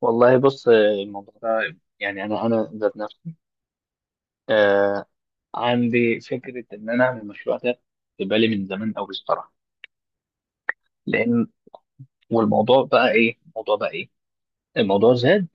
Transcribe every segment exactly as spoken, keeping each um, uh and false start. والله بص الموضوع ده يعني انا انا ذات نفسي، آه عندي فكره ان انا اعمل مشروع ده، في بالي من زمان قوي الصراحه. لان والموضوع بقى ايه، الموضوع بقى ايه الموضوع زاد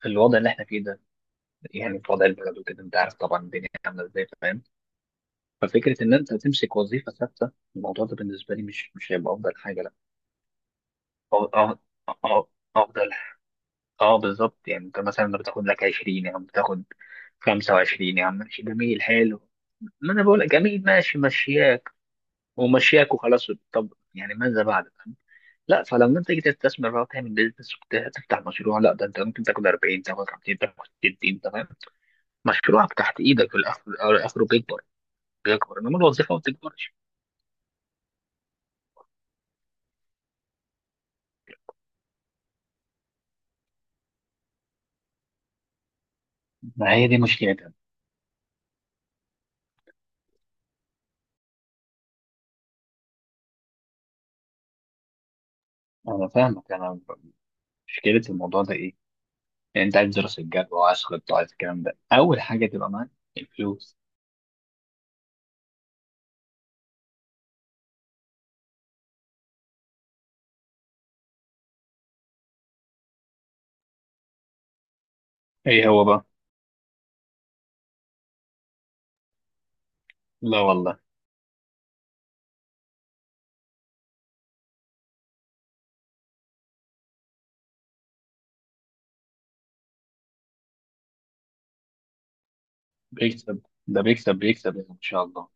في الوضع اللي احنا فيه ده، يعني في وضع البلد وكده انت عارف طبعا الدنيا عامله ازاي فاهم. ففكره ان انت تمسك وظيفه ثابته الموضوع ده بالنسبه لي مش مش هيبقى افضل حاجه، لا. أو- أو- أو- افضل، اه بالظبط، يعني انت مثلا بتاخد لك عشرين يا عم، بتاخد خمسة وعشرين يا عم، ماشي جميل حلو، ما انا بقول لك جميل ماشي مشياك ومشياك وخلاص. طب يعني ماذا بعد فاهم؟ لا، فلما انت تيجي تستثمر بقى وتعمل بيزنس وتفتح مشروع، لا ده انت ممكن تاخد اربعين، تاخد خمسين، تاخد ستين، تمام. مشروعك تحت ايدك في الاخر، أو- اخره بيكبر، بيكبر، انما الوظيفه ما بتكبرش. ما هي دي مشكلتها. انا فاهمك، انا ب- مشكله الموضوع ده ايه، يعني انت عايز دراسه جدوى وعايز خطه، عايز الكلام ده اول حاجه تبقى معاك الفلوس. ايه هو بقى؟ لا والله. بيكسب ده، بيكسب بيكسب يعني ان شاء الله.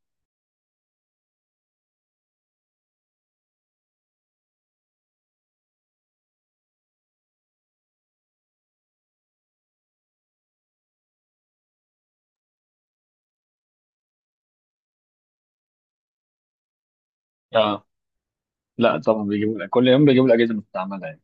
اه، لا طبعا بيجيبوا لك كل يوم، بيجيبوا الاجهزه المستعمله يعني.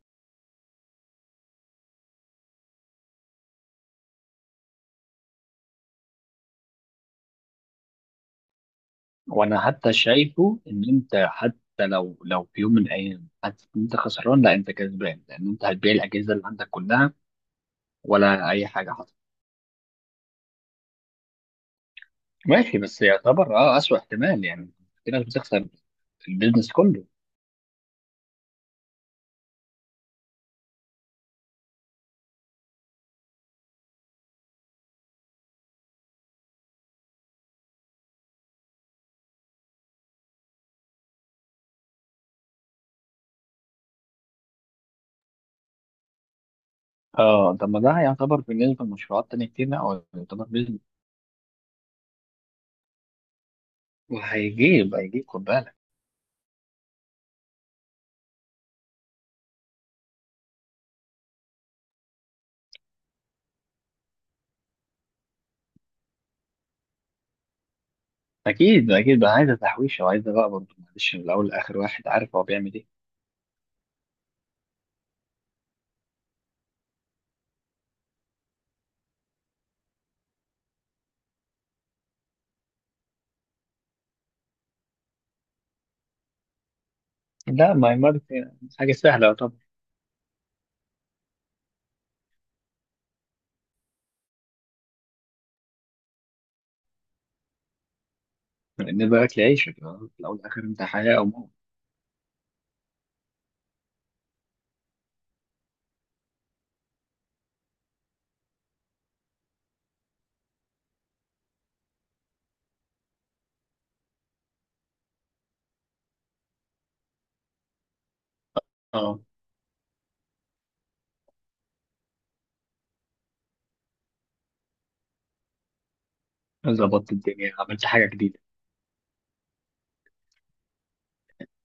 وانا حتى شايفه ان انت، حتى لو لو في يوم من الايام حاسس ان انت خسران، لا انت كسبان، لان انت هتبيع الاجهزه اللي عندك كلها ولا اي حاجه حصلت. ماشي، بس يعتبر اه اسوء احتمال يعني، في ناس بتخسر البيزنس كله. اه، طب ما ده هيعتبر بالنسبه لمشروعات تانية كتير، لا هو يعتبر بيزنس، وهيجيب، هيجيب خد بالك. اكيد اكيد بقى، عايزه تحويشه وعايزه بقى برضه معلش، من الاول لاخر واحد عارف هو بيعمل ايه. لا ماي ماركت، حاجه سهله. لان بالك لعيشك، آه، في الاول والاخر انت حياه او موت. اه، ظبطت الدنيا، عملت حاجه جديده.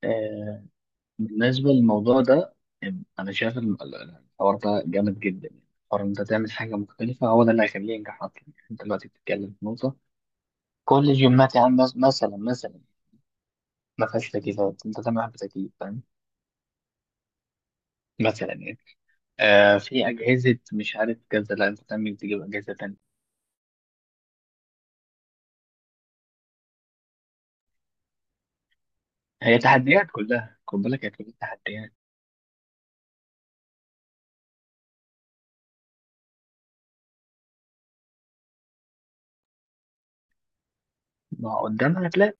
آه. بالنسبه للموضوع ده، آم، انا شايف الم- ال- ال- الحوار ده جامد جدا يعني. حوار إن انت تعمل حاجه مختلفه، هو ده اللي هيخليه ينجح اصلا. يعني انت دلوقتي بتتكلم في نقطه، كل الجيمات يا عم مس- مثلا مثلا ما فيهاش تكييفات، انت تعمل واحد بتكييف فاهم، مثلا يعني. آه في اجهزه مش عارف كذا، لا انت تعمل تجيب اجهزه تانيه. هي تحديات كلها خد بالك، هي كلها تحديات. ما قدامها هتلاقي.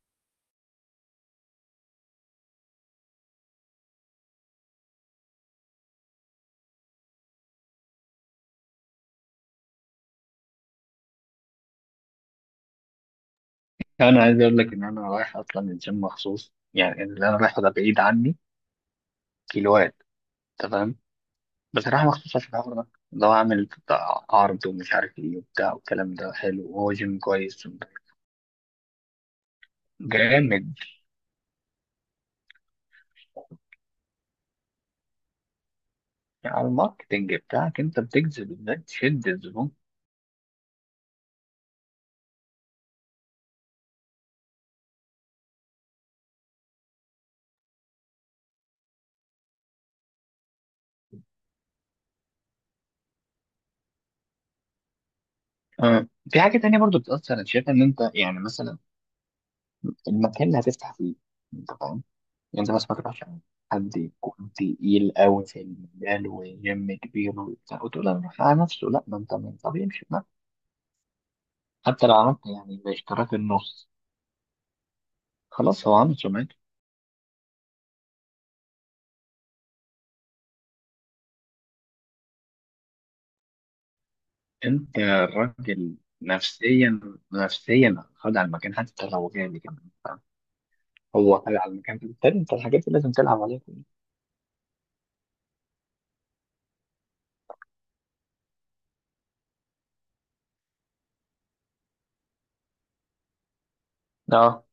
انا عايز اقول لك ان انا رايح اصلا الجيم مخصوص، يعني اللي انا رايحه ده بعيد عني كيلوات، تمام، بس رايح مخصوص عشان الحوار ده، اللي هو عامل بتاع عرض ومش عارف ايه وبتاع، والكلام ده حلو وهو جيم كويس. جامد، يعني على الماركتنج بتاعك انت بتجذب ازاي، تشد الزبون. اه في حاجه تانية برضو بتاثر انا شايف، ان انت يعني مثلا المكان اللي هتفتح فيه، يعني انت بس ما تروحش حد يكون تقيل قوي في المجال وجيم كبير وبتاع، وتقول انا رايح على نفسه، لا ما انت من طب يمشي بنفسه. حتى لو عملت يعني باشتراك النص، خلاص هو عمل سمعته. انت الراجل نفسيا، نفسيا خد على المكان حتى لو جامد كمان فاهم؟ هو خد على المكان، بالتالي انت الحاجات دي لازم تلعب عليها كلها. اه،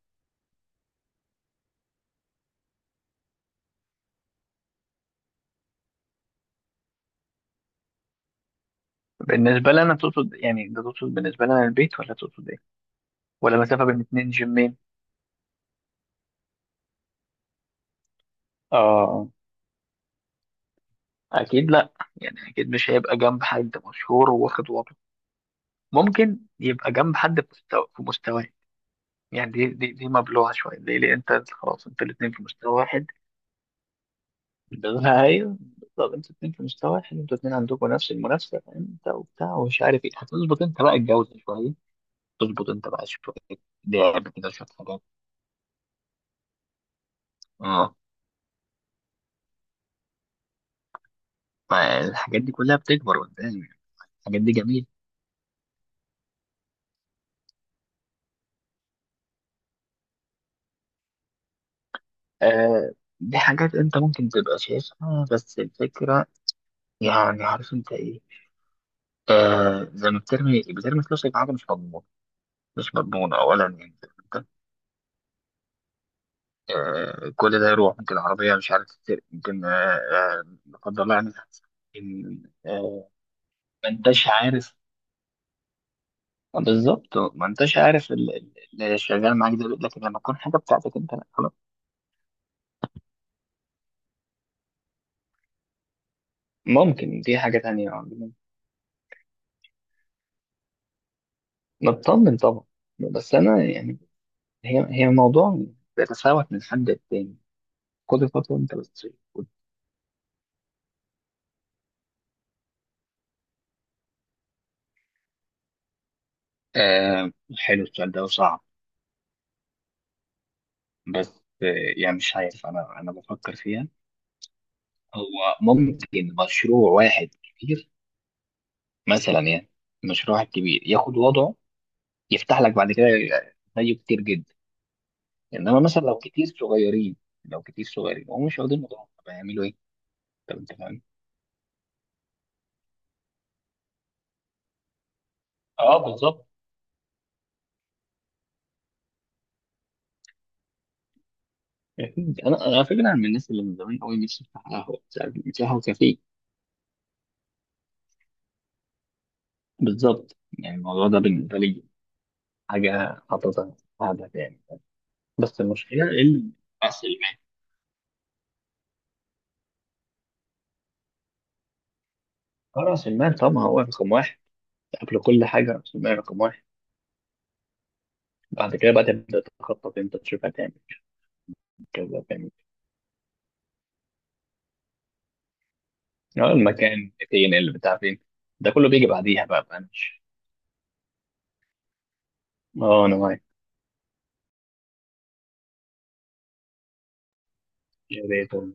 بالنسبة لي أنا تقصد يعني، ده تقصد بالنسبة لي أنا البيت ولا تقصد إيه؟ ولا مسافة بين اتنين جيمين؟ اه، اكيد لا، يعني اكيد مش هيبقى جنب حد مشهور وواخد وضعه، ممكن يبقى جنب حد في مستوى في مستواه. يعني دي دي دي مبلوعه شويه، ليه، ليه انت أنت خلاص انتوا الاثنين في مستوى واحد. بالنسبه ايوه. طب انتوا الاثنين في مستوى واحد، انتوا الاثنين عندكم نفس المنافسه، انت وبتاع ومش عارف ايه، هتظبط انت بقى الجوزه شويه، تظبط انت بقى شويه، لعب كده شويه حاجات. اه، فالحاجات دي كلها بتكبر قدام يعني. الحاجات دي جميله. آه، دي حاجات انت ممكن تبقى شايفها، بس الفكره يعني عارف انت ايه، آه زي ما بترمي بترمي فلوسك في حاجة مش مضمونة، مش مضمونة أولا يعني. أنت، آه كل ده يروح، ممكن العربية مش عارف تتسرق، ممكن، آه، آه، لا قدر الله يعني، إن، آه ما أنتش عارف. آه، بالظبط، ما أنتش عارف ال- ال- اللي شغال معاك ده، لكن لما تكون حاجة بتاعتك أنت لا خلاص. ممكن دي حاجة تانية عندنا. نطمن طبعا، بس أنا يعني، هي هي موضوع بيتفاوت من حد للتاني، كل خطوة أنت بتصير. آه حلو السؤال ده وصعب، بس آه، يعني مش عارف، انا انا بفكر فيها. هو ممكن مشروع واحد كبير، مثلا يعني، مشروع واحد كبير ياخد وضعه، يفتح لك بعد كده زيه كتير جدا. انما مثلا لو كتير صغيرين، لو كتير صغيرين وهم مش واخدين وضعهم، طب هيعملوا ايه؟ طب انت فاهم؟ اه بالظبط. أكيد. انا، أنا على فكره انا من الناس اللي من زمان قوي نفسي افتح قهوه، مش عارف، مش قهوه، كافيه. بالظبط، يعني الموضوع ده بالنسبه لي حاجه حاططها في هدف يعني، بس المشكله. اه راس المال طبعا هو رقم واحد، قبل كل حاجة راس المال رقم واحد، بعد كده بقى تبدأ تخطط انت، تشوف هتعمل، شوف كذا هتعمل. اه المكان فين، اللي بتاع فين، ده كله بيجي بعديها بقى، بقى مش. اه انا معاك. يا ريت والله،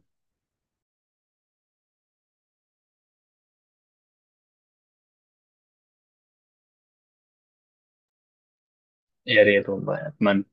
يا ريت والله اتمنى.